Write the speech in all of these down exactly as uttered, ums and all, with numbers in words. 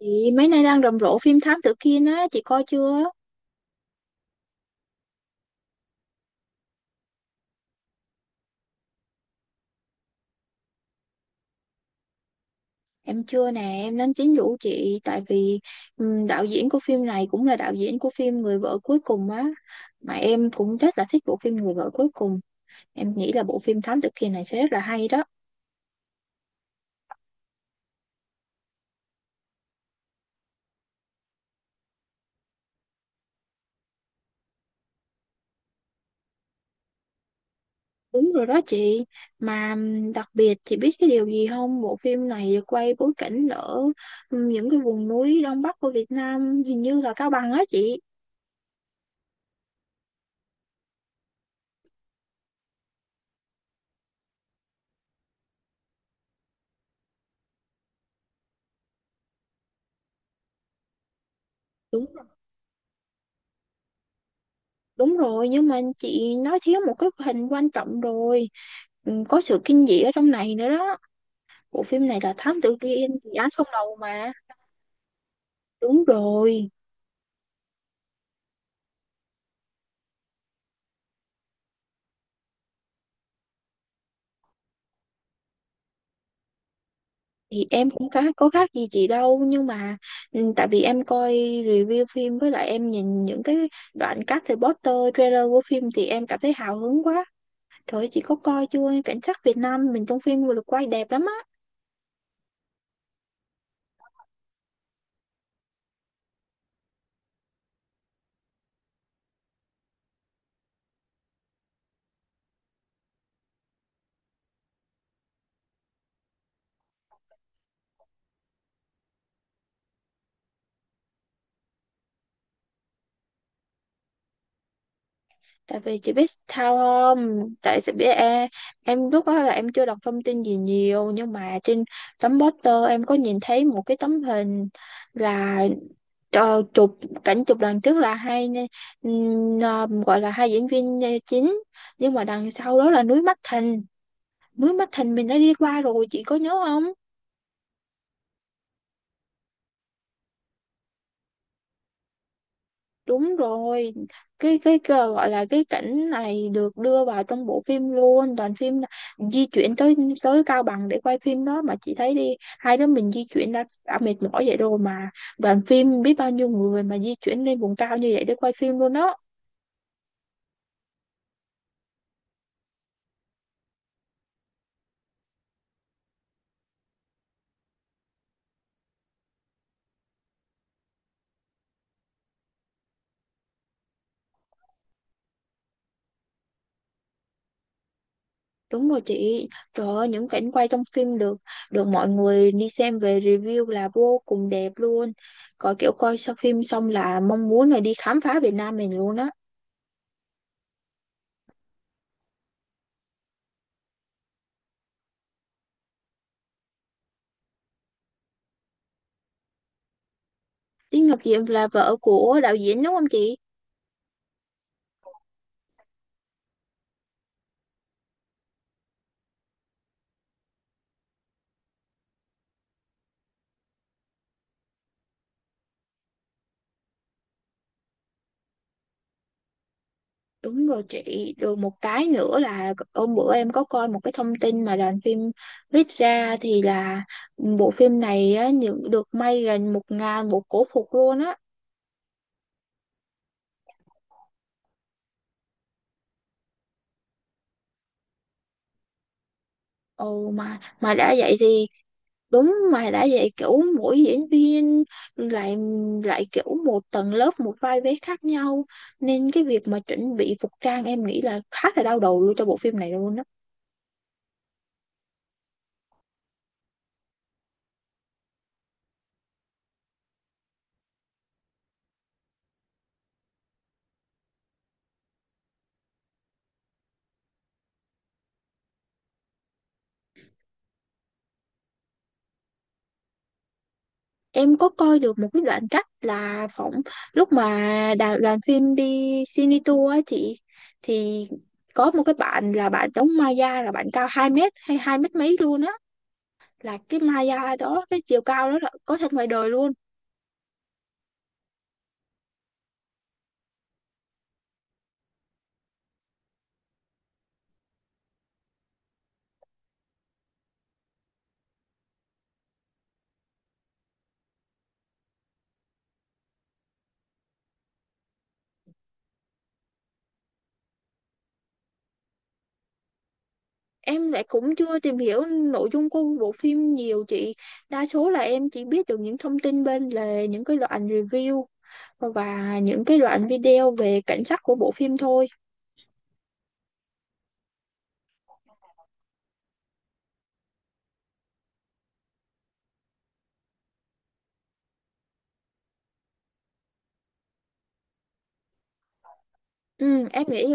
Chị mấy nay đang rầm rộ phim Thám Tử Kiên á, chị coi chưa? Em chưa nè, em đang tính rủ chị tại vì ừm, đạo diễn của phim này cũng là đạo diễn của phim Người vợ cuối cùng á. Mà em cũng rất là thích bộ phim Người vợ cuối cùng. Em nghĩ là bộ phim Thám Tử Kiên này sẽ rất là hay đó. Đúng rồi đó chị. Mà ừm, đặc biệt chị biết cái điều gì không? Bộ phim này được quay bối cảnh ở ừm, những cái vùng núi Đông Bắc của Việt Nam, hình như là Cao Bằng á chị. Đúng Đúng rồi, nhưng mà chị nói thiếu một cái hình quan trọng rồi. Ừ, có sự kinh dị ở trong này nữa đó. Bộ phim này là Thám Tử Kiên, dự án không đầu mà. Đúng rồi. Thì em cũng khá, có khác gì chị đâu nhưng mà ừ, tại vì em coi review phim với lại em nhìn những cái đoạn cắt từ poster trailer của phim thì em cảm thấy hào hứng quá. Trời ơi, chị có coi chưa? Cảnh sát Việt Nam mình trong phim vừa được quay đẹp lắm á. Tại vì chị biết sao không, tại chị biết em, em lúc đó là em chưa đọc thông tin gì nhiều nhưng mà trên tấm poster em có nhìn thấy một cái tấm hình là ờ, chụp cảnh chụp đằng trước là hai ừm, ờ, gọi là hai diễn viên ờ, chính nhưng mà đằng sau đó là núi Mắt Thành, núi Mắt Thành mình đã đi qua rồi chị có nhớ không? Đúng rồi, cái cái, cái gọi là cái cảnh này được đưa vào trong bộ phim luôn, đoàn phim là di chuyển tới tới Cao Bằng để quay phim đó. Mà chị thấy đi, hai đứa mình di chuyển đã, đã mệt mỏi vậy rồi mà đoàn phim biết bao nhiêu người mà di chuyển lên vùng cao như vậy để quay phim luôn đó. Đúng rồi chị, trời ơi, những cảnh quay trong phim được được mọi người đi xem về review là vô cùng đẹp luôn. Có kiểu coi sau phim xong là mong muốn là đi khám phá Việt Nam mình luôn á. Lý Ngọc Diệm là vợ của đạo diễn đúng không chị? Đúng rồi chị, được một cái nữa là hôm bữa em có coi một cái thông tin mà đoàn phim viết ra thì là bộ phim này á, những- được may gần một ngàn bộ cổ phục luôn á. Ồ, mà mà đã vậy thì đúng, mà đã vậy kiểu mỗi diễn viên lại lại kiểu một tầng lớp một vai vế khác nhau, nên cái việc mà chuẩn bị phục trang em nghĩ là khá là đau đầu luôn cho bộ phim này luôn á. Em có coi được một cái đoạn cắt là phỏng lúc mà đà- đoàn phim đi cine tour á chị, thì có một cái bạn là bạn đóng Maya là bạn cao hai mét hay hai mét mấy luôn á, là cái Maya đó cái chiều cao đó là có thật ngoài đời luôn. Em lại cũng chưa tìm hiểu nội dung của bộ phim nhiều chị, đa số là em chỉ biết được những thông tin bên lề, những cái đoạn review và những cái đoạn video về cảnh sắc của bộ phim thôi. Ừ, em nghĩ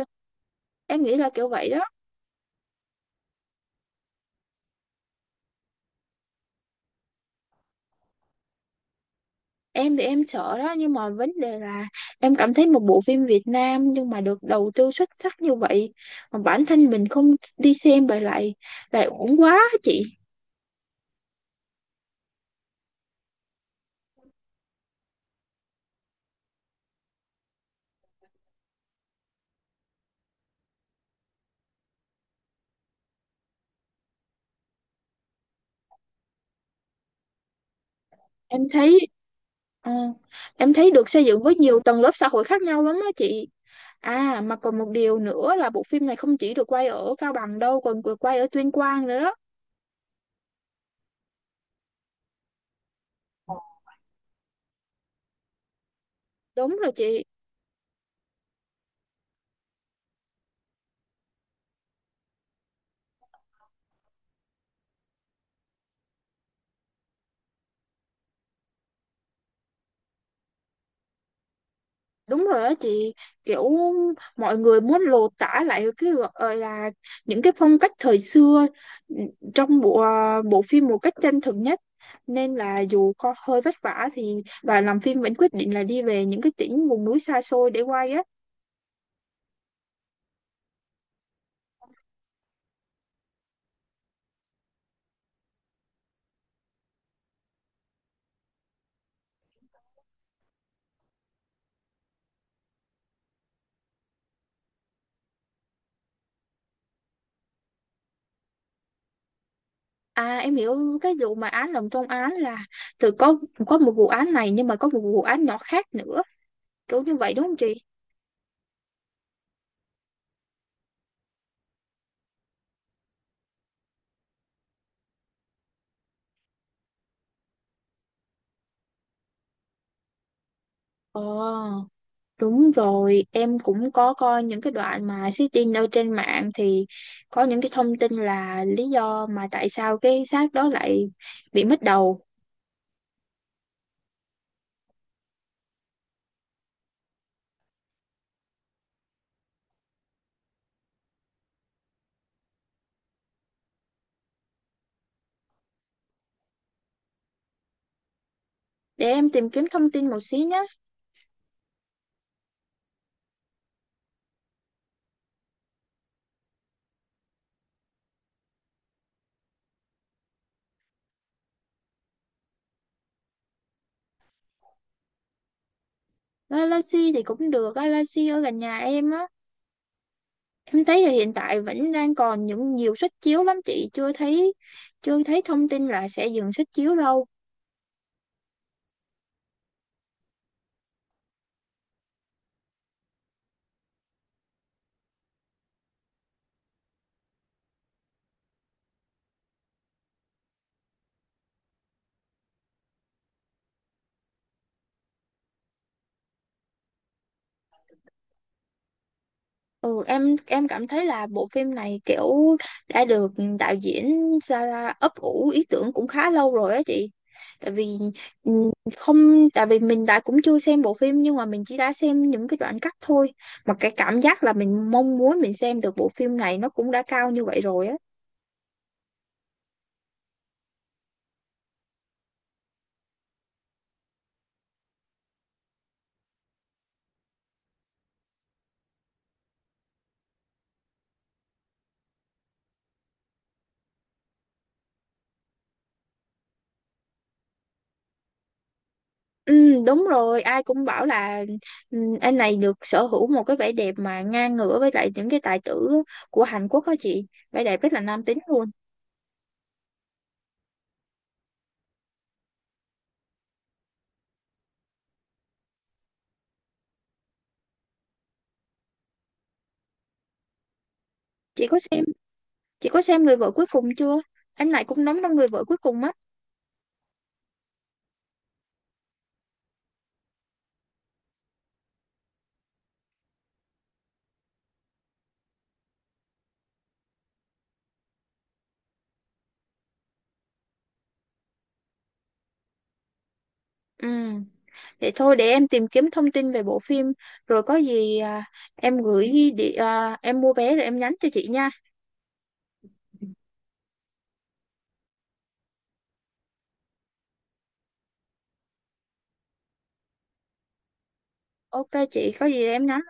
em nghĩ là kiểu vậy đó. Em thì em sợ đó, nhưng mà vấn đề là em cảm thấy một bộ phim Việt Nam nhưng mà được đầu tư xuất sắc như vậy mà bản thân mình không đi xem vậy lại lại uổng quá á chị. Em thấy ờ, em thấy được xây dựng với nhiều tầng lớp xã hội khác nhau lắm đó chị. À mà còn một điều nữa là bộ phim này không chỉ được quay ở Cao Bằng đâu, còn được quay ở Tuyên Quang nữa đó. Đúng rồi chị. Đúng rồi đó chị, kiểu mọi người muốn lột tả lại cái gọi là những cái phong cách thời xưa, ừ, trong bộ à, bộ phim một cách chân thực nhất. Nên là dù có hơi vất vả thì đoàn làm phim vẫn quyết định là đi về những cái tỉnh vùng núi xa xôi để quay á. À em hiểu cái vụ mà án lồng trong án là từ có có một vụ án này nhưng mà có một vụ án nhỏ khác nữa, kiểu như vậy đúng không chị? Ờ. Đúng rồi, em cũng có coi những cái đoạn mà sitting ở trên mạng thì có những cái thông tin là lý do mà tại sao cái xác đó lại bị mất đầu. Để em tìm kiếm thông tin một xí nhé. Galaxy thì cũng được, Galaxy ở gần nhà em á. Em thấy là hiện tại vẫn đang còn những nhiều suất chiếu lắm chị, chưa thấy chưa thấy thông tin là sẽ dừng suất chiếu đâu. Ừ, em em cảm thấy là bộ phim này kiểu đã được đạo diễn Sara ấp ủ ý tưởng cũng khá lâu rồi á chị. Tại vì ừ, không tại vì mình đã cũng chưa xem bộ phim nhưng mà mình chỉ đã xem những cái đoạn cắt thôi. Mà cái cảm giác là mình mong muốn mình xem được bộ phim này nó cũng đã cao như vậy rồi á. Ừ, đúng rồi, ai cũng bảo là ừ, anh này được sở hữu một cái vẻ đẹp mà ngang ngửa với lại những cái tài tử của Hàn Quốc đó chị. Vẻ đẹp rất là nam tính luôn. Chị có xem Chị có xem Người vợ cuối cùng chưa? Anh Lại cũng đóng trong Người vợ cuối cùng á. Ừ. Vậy thôi để em tìm kiếm thông tin về bộ phim rồi có gì à, em gửi đi à, em mua vé rồi em nhắn cho chị nha. Ok chị, có gì em nhắn